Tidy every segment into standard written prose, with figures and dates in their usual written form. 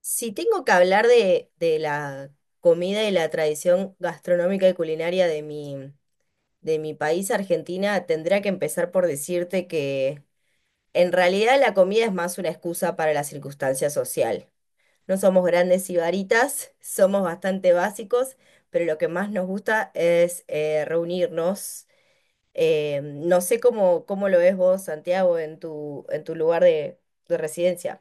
Si tengo que hablar de la comida y la tradición gastronómica y culinaria de mi país, Argentina, tendría que empezar por decirte que en realidad la comida es más una excusa para la circunstancia social. No somos grandes sibaritas, somos bastante básicos, pero lo que más nos gusta es reunirnos. No sé cómo lo ves vos, Santiago, en en tu lugar de residencia.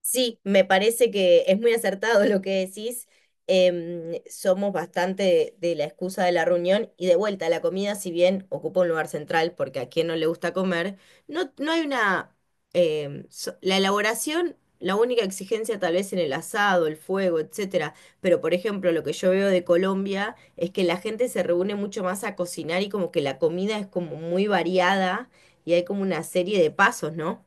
Sí, me parece que es muy acertado lo que decís. Somos bastante de la excusa de la reunión y de vuelta, la comida, si bien ocupa un lugar central, porque a quien no le gusta comer, no hay una... la elaboración, la única exigencia tal vez en el asado, el fuego, etcétera. Pero, por ejemplo, lo que yo veo de Colombia es que la gente se reúne mucho más a cocinar y como que la comida es como muy variada y hay como una serie de pasos, ¿no?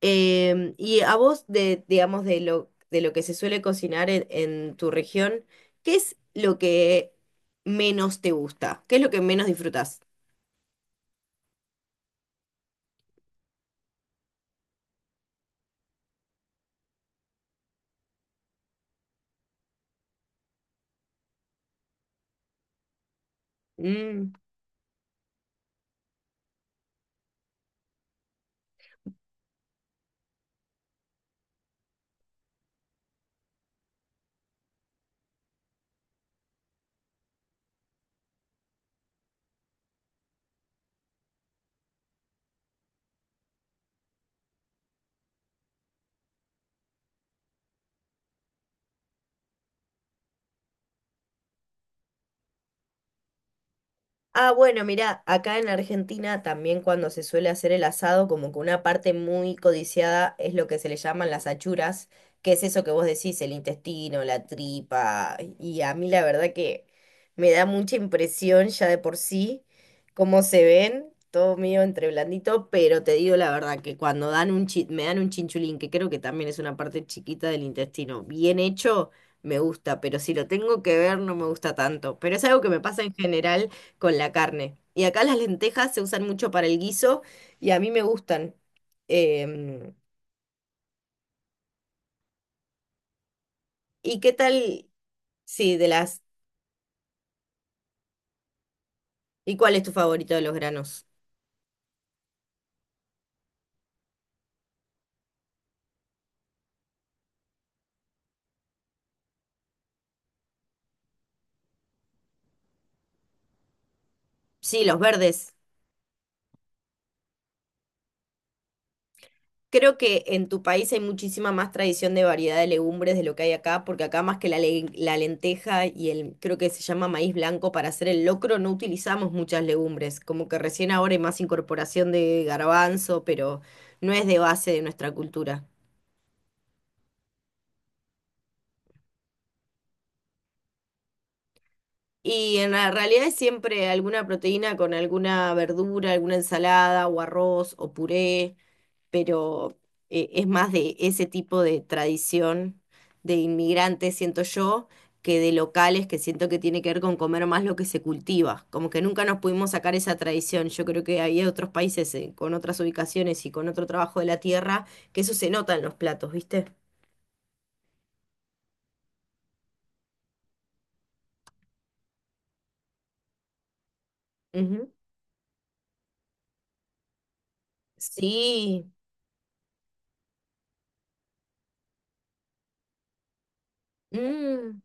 Y a vos, digamos, de lo que se suele cocinar en tu región, ¿qué es lo que menos te gusta? ¿Qué es lo que menos disfrutas? Ah, bueno, mira, acá en Argentina también cuando se suele hacer el asado, como que una parte muy codiciada es lo que se le llaman las achuras, que es eso que vos decís, el intestino, la tripa, y a mí la verdad que me da mucha impresión ya de por sí cómo se ven, todo medio entre blandito, pero te digo la verdad que cuando me dan un chinchulín, que creo que también es una parte chiquita del intestino, bien hecho, me gusta, pero si lo tengo que ver no me gusta tanto, pero es algo que me pasa en general con la carne. Y acá las lentejas se usan mucho para el guiso y a mí me gustan. Em, ¿Y qué tal? Sí, de las... ¿Y cuál es tu favorito de los granos? Sí, los verdes. Creo que en tu país hay muchísima más tradición de variedad de legumbres de lo que hay acá, porque acá más que la lenteja y el, creo que se llama maíz blanco para hacer el locro, no utilizamos muchas legumbres. Como que recién ahora hay más incorporación de garbanzo, pero no es de base de nuestra cultura. Y en la realidad es siempre alguna proteína con alguna verdura, alguna ensalada o arroz o puré, pero es más de ese tipo de tradición de inmigrantes, siento yo, que de locales que siento que tiene que ver con comer más lo que se cultiva. Como que nunca nos pudimos sacar esa tradición. Yo creo que había otros países con otras ubicaciones y con otro trabajo de la tierra que eso se nota en los platos, ¿viste? Ujú. Sí. Mm.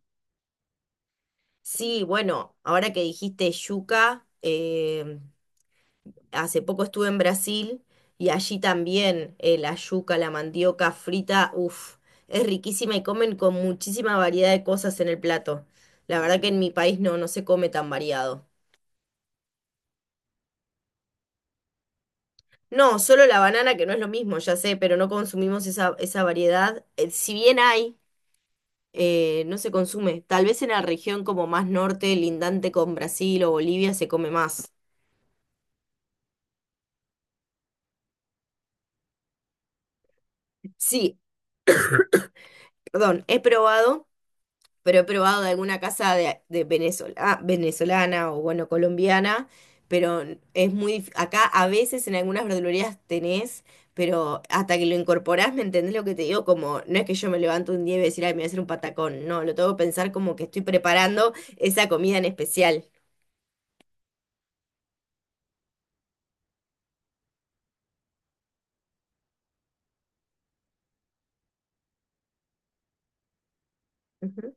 Sí, bueno, ahora que dijiste yuca, hace poco estuve en Brasil y allí también la yuca, la mandioca frita, uff, es riquísima y comen con muchísima variedad de cosas en el plato. La verdad que en mi país no se come tan variado. No, solo la banana, que no es lo mismo, ya sé, pero no consumimos esa variedad. Si bien hay, no se consume. Tal vez en la región como más norte, lindante con Brasil o Bolivia, se come más. Sí, perdón, he probado, pero he probado de alguna casa de Venezuela, ah, venezolana o bueno, colombiana, pero es muy, acá a veces en algunas verdulerías tenés, pero hasta que lo incorporás, ¿me entendés lo que te digo? Como, no es que yo me levanto un día y voy a decir, ay, me voy a hacer un patacón, no, lo tengo que pensar como que estoy preparando esa comida en especial. Ujú.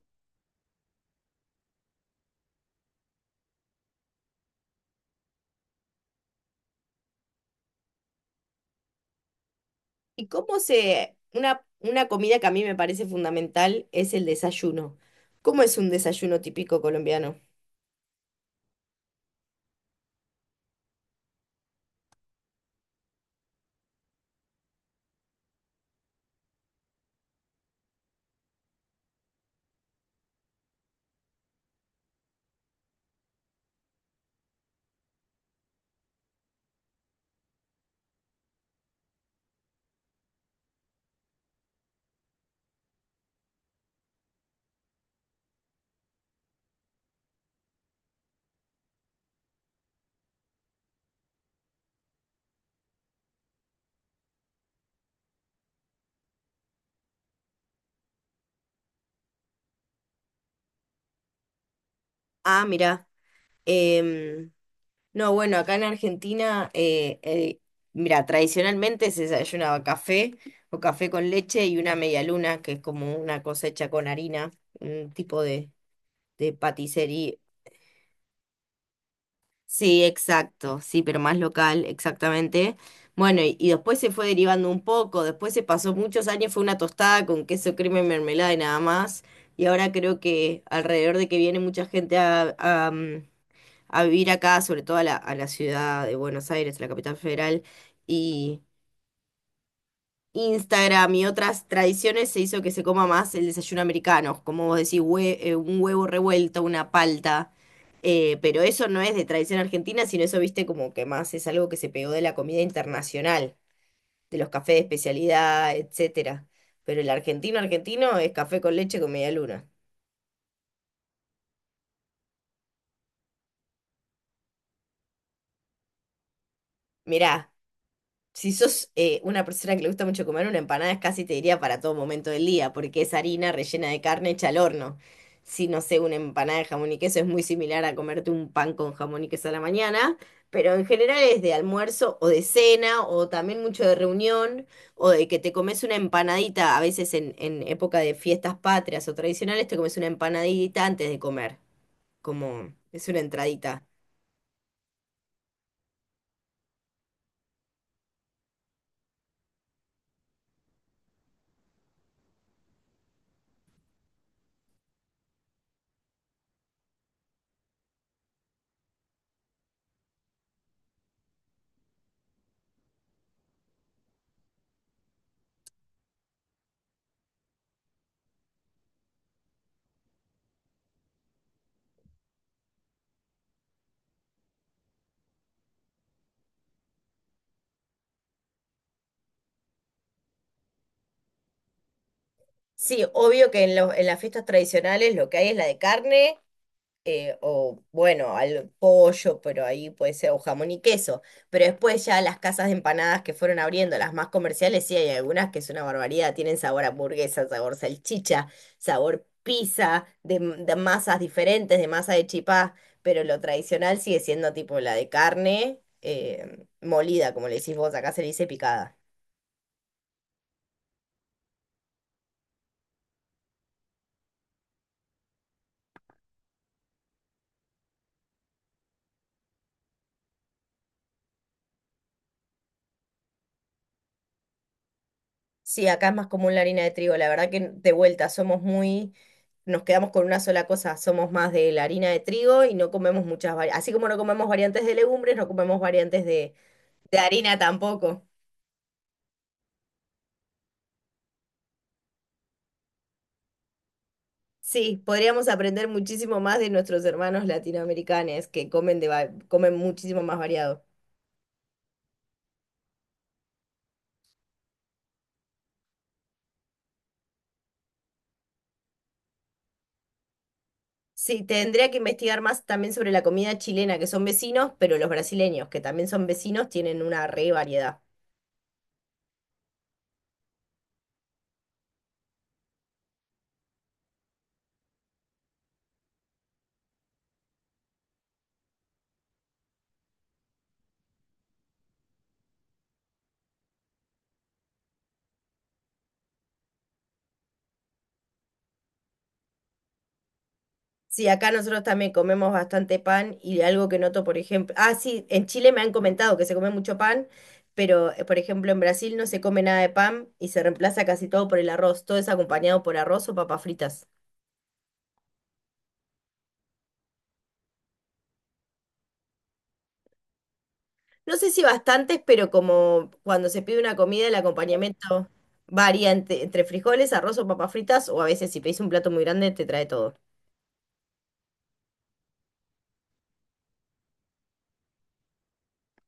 ¿Y cómo una comida que a mí me parece fundamental es el desayuno? ¿Cómo es un desayuno típico colombiano? Ah, mira. No, bueno, acá en Argentina, mira, tradicionalmente se desayunaba café o café con leche y una media luna, que es como una cosecha con harina, un tipo de paticería. Sí, exacto, sí, pero más local, exactamente. Bueno, y después se fue derivando un poco, después se pasó muchos años, fue una tostada con queso, crema y mermelada y nada más. Y ahora creo que alrededor de que viene mucha gente a vivir acá, sobre todo a a la ciudad de Buenos Aires, a la capital federal, y Instagram y otras tradiciones se hizo que se coma más el desayuno americano, como vos decís, un huevo revuelto, una palta, pero eso no es de tradición argentina, sino eso, viste, como que más es algo que se pegó de la comida internacional, de los cafés de especialidad, etcétera. Pero el argentino argentino es café con leche con media luna. Mirá. Si sos una persona que le gusta mucho comer, una empanada es casi te diría para todo momento del día, porque es harina rellena de carne hecha al horno. Si no sé, una empanada de jamón y queso es muy similar a comerte un pan con jamón y queso a la mañana, pero en general es de almuerzo o de cena, o también mucho de reunión, o de que te comes una empanadita, a veces en época de fiestas patrias o tradicionales, te comes una empanadita antes de comer, como es una entradita. Sí, obvio que en las fiestas tradicionales lo que hay es la de carne o bueno, al pollo, pero ahí puede ser, o jamón y queso. Pero después ya las casas de empanadas que fueron abriendo, las más comerciales, sí hay algunas que es una barbaridad, tienen sabor a hamburguesa, sabor salchicha, sabor pizza, de masas diferentes, de masa de chipá, pero lo tradicional sigue siendo tipo la de carne, molida, como le decís vos, acá se le dice picada. Sí, acá es más común la harina de trigo. La verdad que de vuelta somos muy, nos quedamos con una sola cosa. Somos más de la harina de trigo y no comemos muchas variantes. Así como no comemos variantes de legumbres, no comemos variantes de harina tampoco. Sí, podríamos aprender muchísimo más de nuestros hermanos latinoamericanos que comen comen muchísimo más variado. Sí, tendría que investigar más también sobre la comida chilena, que son vecinos, pero los brasileños, que también son vecinos, tienen una re variedad. Sí, acá nosotros también comemos bastante pan y algo que noto, por ejemplo, ah, sí, en Chile me han comentado que se come mucho pan, pero por ejemplo en Brasil no se come nada de pan y se reemplaza casi todo por el arroz, todo es acompañado por arroz o papas fritas. No sé si bastantes, pero como cuando se pide una comida, el acompañamiento varía entre frijoles, arroz o papas fritas, o a veces si pedís un plato muy grande te trae todo.